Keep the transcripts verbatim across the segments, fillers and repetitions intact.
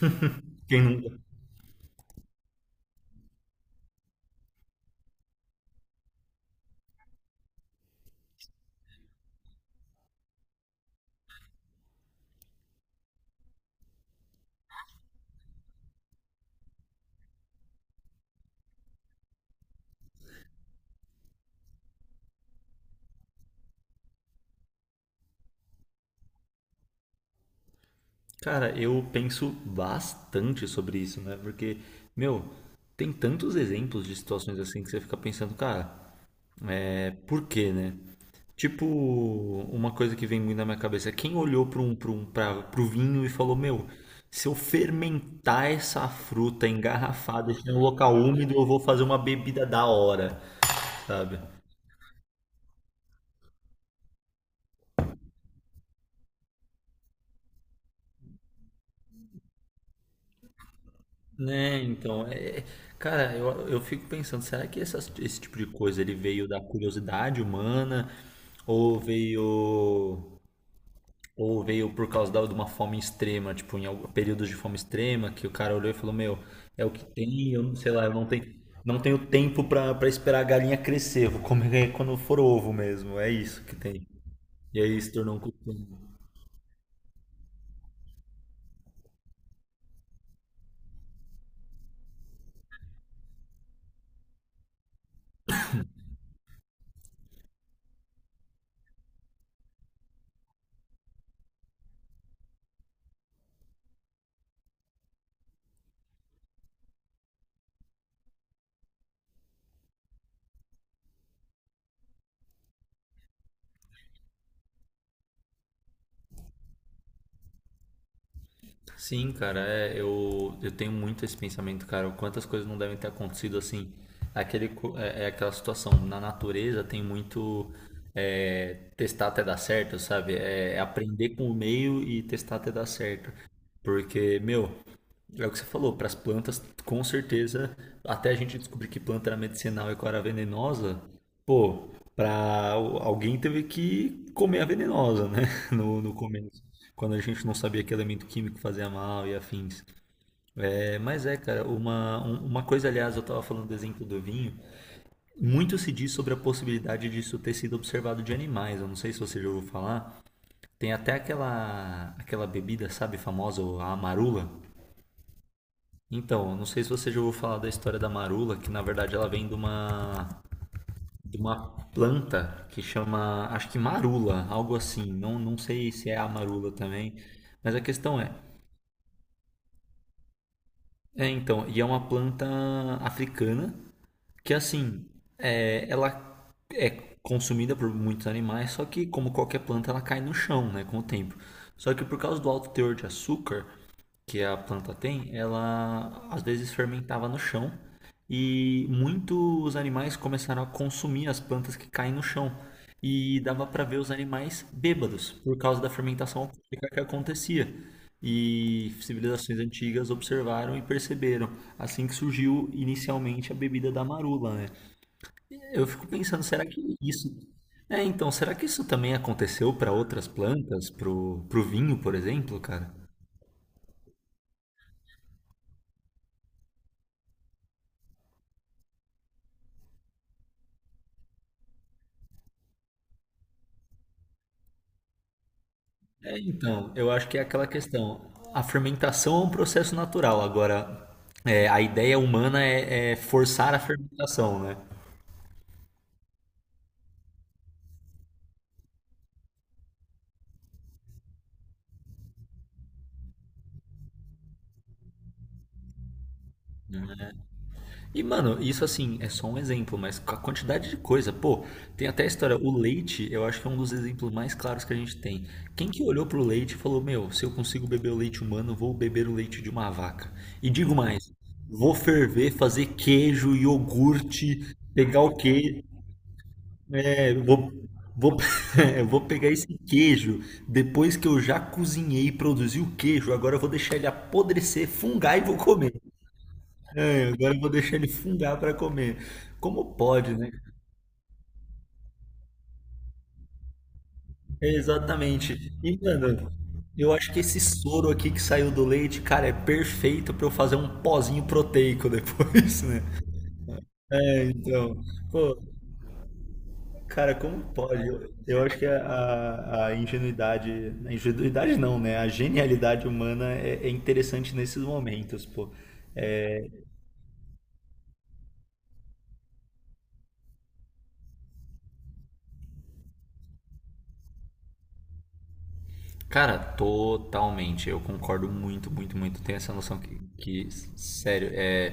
Quem nunca? Cara, eu penso bastante sobre isso, né? Porque, meu, tem tantos exemplos de situações assim que você fica pensando, cara, é por quê, né? Tipo, uma coisa que vem muito na minha cabeça, é quem olhou para um, para um, para pro vinho e falou, meu, se eu fermentar essa fruta engarrafada e deixar em um local úmido, eu vou fazer uma bebida da hora, sabe? Né, então, é, é- cara, eu, eu fico pensando, será que essas- esse tipo de coisa ele veio da curiosidade humana ou veio ou veio por causa da- de uma fome extrema, tipo, em algum, períodos de fome extrema, que o cara olhou e falou, meu, é o que tem, eu não sei lá, eu não tenho, não tenho tempo pra pra esperar a galinha crescer, vou comer é quando for ovo mesmo, é isso que tem. E aí se tornou um costume. Sim, cara, é, eu, eu tenho muito esse pensamento, cara. Quantas coisas não devem ter acontecido assim. Aquele, co- é, é aquela situação. Na natureza tem muito é, testar até dar certo, sabe? É, é aprender com o meio e testar até dar certo. Porque, meu, é o que você falou, para as plantas, com certeza, até a gente descobrir que planta era medicinal e qual era a venenosa, pô, para alguém teve que comer a venenosa, né? No, no começo, quando a gente não sabia que elemento químico fazia mal e afins. É, mas é, cara, uma, um- uma coisa, aliás, eu tava falando do exemplo do vinho, muito se diz sobre a possibilidade disso ter sido observado de animais, eu não sei se você já ouviu falar, tem até aquela, aquela bebida, sabe, famosa, a amarula. Então, eu não sei se você já ouviu falar da história da marula, que na verdade ela vem de uma, de uma planta que chama, acho que marula, algo assim. Não, não sei se é a marula também, mas a questão é, é então, e é uma planta africana que assim, é, ela é consumida por muitos animais, só que como qualquer planta ela cai no chão, né, com o tempo. Só que por causa do alto teor de açúcar, que a planta tem, ela às vezes fermentava no chão e muitos animais começaram a consumir as plantas que caem no chão. E dava para ver os animais bêbados por causa da fermentação alcoólica que acontecia. E civilizações antigas observaram e perceberam, assim que surgiu inicialmente a bebida da marula, né? Eu fico pensando, será que isso é, então, será que isso também aconteceu para outras plantas, pro, pro vinho, por exemplo, cara? É, então, eu acho que é aquela questão. A fermentação é um processo natural. Agora, é, a ideia humana é, é forçar a fermentação, né? É. E, mano, isso assim é só um exemplo, mas com a quantidade de coisa, pô, tem até a história. O leite, eu acho que é um dos exemplos mais claros que a gente tem. Quem que olhou pro leite e falou: Meu, se eu consigo beber o leite humano, vou beber o leite de uma vaca. E digo mais: vou ferver, fazer queijo, iogurte, pegar o queijo. É, eu vou, vou, eu vou pegar esse queijo depois que eu já cozinhei e produzi o queijo. Agora eu vou deixar ele apodrecer, fungar e vou comer. É, agora eu vou deixar ele fungar para comer. Como pode, né? É, exatamente. E, mano, eu acho que esse soro aqui que saiu do leite, cara, é perfeito para eu fazer um pozinho proteico depois, né? É, então. Pô, cara, como pode? Eu, eu acho que a, a ingenuidade, a ingenuidade não, né? A genialidade humana é, é interessante nesses momentos, pô. É, cara, totalmente. Eu concordo muito, muito, muito. Tem essa noção que, que, sério, é,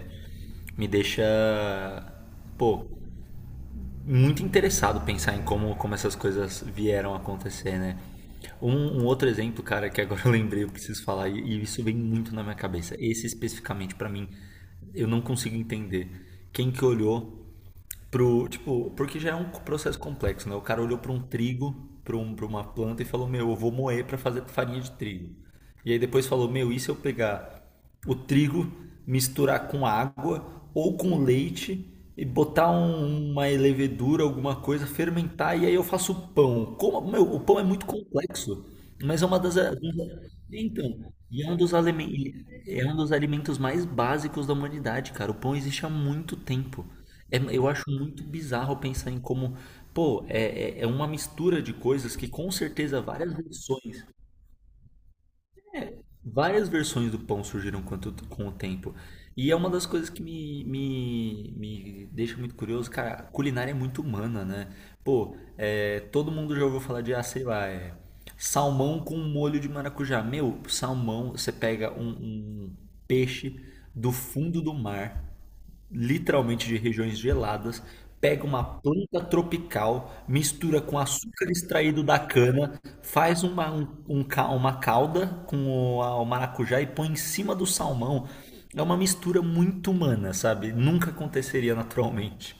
me deixa. Pô, muito interessado pensar em como, como essas coisas vieram a acontecer, né? Um, um outro exemplo, cara, que agora eu lembrei, eu preciso falar, e, e isso vem muito na minha cabeça. Esse especificamente, pra mim, eu não consigo entender. Quem que olhou pro, tipo, porque já é um processo complexo, né? O cara olhou pra um trigo, pra, um, pra uma planta e falou, meu, eu vou moer pra fazer farinha de trigo. E aí depois falou, meu, e se eu pegar o trigo, misturar com água ou com leite e botar um- uma levedura, alguma coisa, fermentar e aí eu faço pão. Como, meu, o pão é muito complexo, mas é uma das eh, dos- então, e é um dos alimentos, é um dos alimentos mais básicos da humanidade, cara. O pão existe há muito tempo. É- eu acho muito bizarro pensar em como, pô, é, é, é uma mistura de coisas que com certeza várias versões várias versões do pão surgiram quanto- com o tempo. E é uma das coisas que me, me, me deixa muito curioso, cara, a culinária é muito humana, né? Pô, é, todo mundo já ouviu falar de, ah, sei lá, é, salmão com molho de maracujá. Meu, salmão, você pega um, um peixe do fundo do mar, literalmente de regiões geladas, pega uma planta tropical, mistura com açúcar extraído da cana, faz uma, um, um ca- uma calda com o, a- o maracujá e põe em cima do salmão. É uma mistura muito humana, sabe? Nunca aconteceria naturalmente.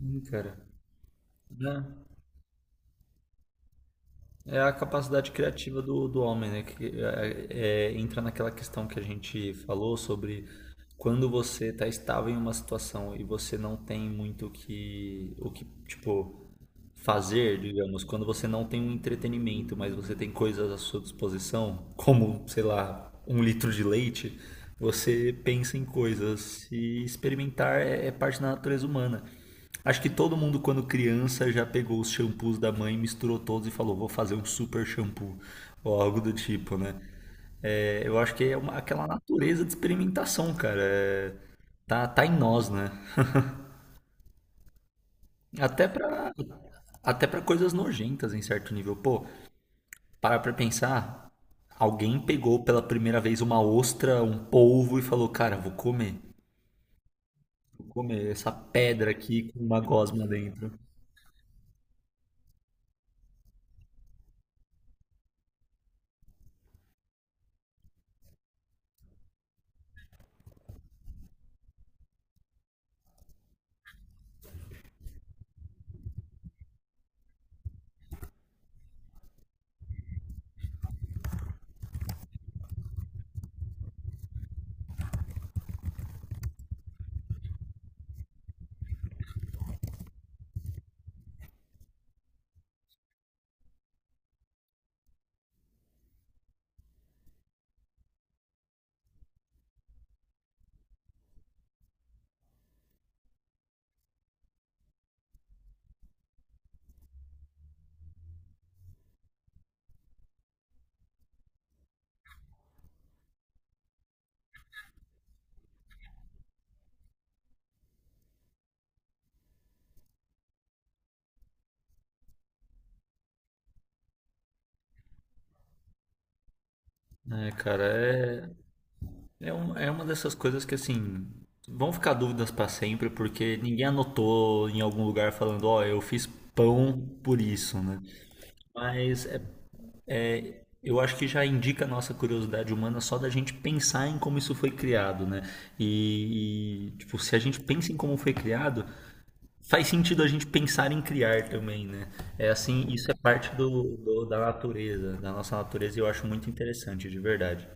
Hum, cara. Né? É a capacidade criativa do, do homem, né? Que é, é, entra naquela questão que a gente falou sobre quando você está estável em uma situação e você não tem muito o que, o que, tipo, fazer, digamos, quando você não tem um entretenimento, mas você tem coisas à sua disposição, como, sei lá, um litro de leite, você pensa em coisas. E experimentar é, é parte da natureza humana. Acho que todo mundo, quando criança, já pegou os shampoos da mãe, misturou todos e falou: vou fazer um super shampoo, ou algo do tipo, né? É, eu acho que é uma- aquela natureza de experimentação, cara. É, tá, tá em nós, né? Até pra, até pra coisas nojentas, em certo nível. Pô, para pra pensar, alguém pegou pela primeira vez uma ostra, um polvo e falou: cara, vou comer. Vou comer essa pedra aqui com uma gosma dentro. É, cara, é. É, um, é uma dessas coisas que, assim, vão ficar dúvidas pra sempre, porque ninguém anotou em algum lugar falando, ó, eu fiz pão por isso, né? Mas é- eu acho que já indica a nossa curiosidade humana só da gente pensar em como isso foi criado, né? E, e, tipo, se a gente pensa em como foi criado, faz sentido a gente pensar em criar também, né? É assim, isso é parte do, do- da natureza, da nossa natureza, e eu acho muito interessante, de verdade.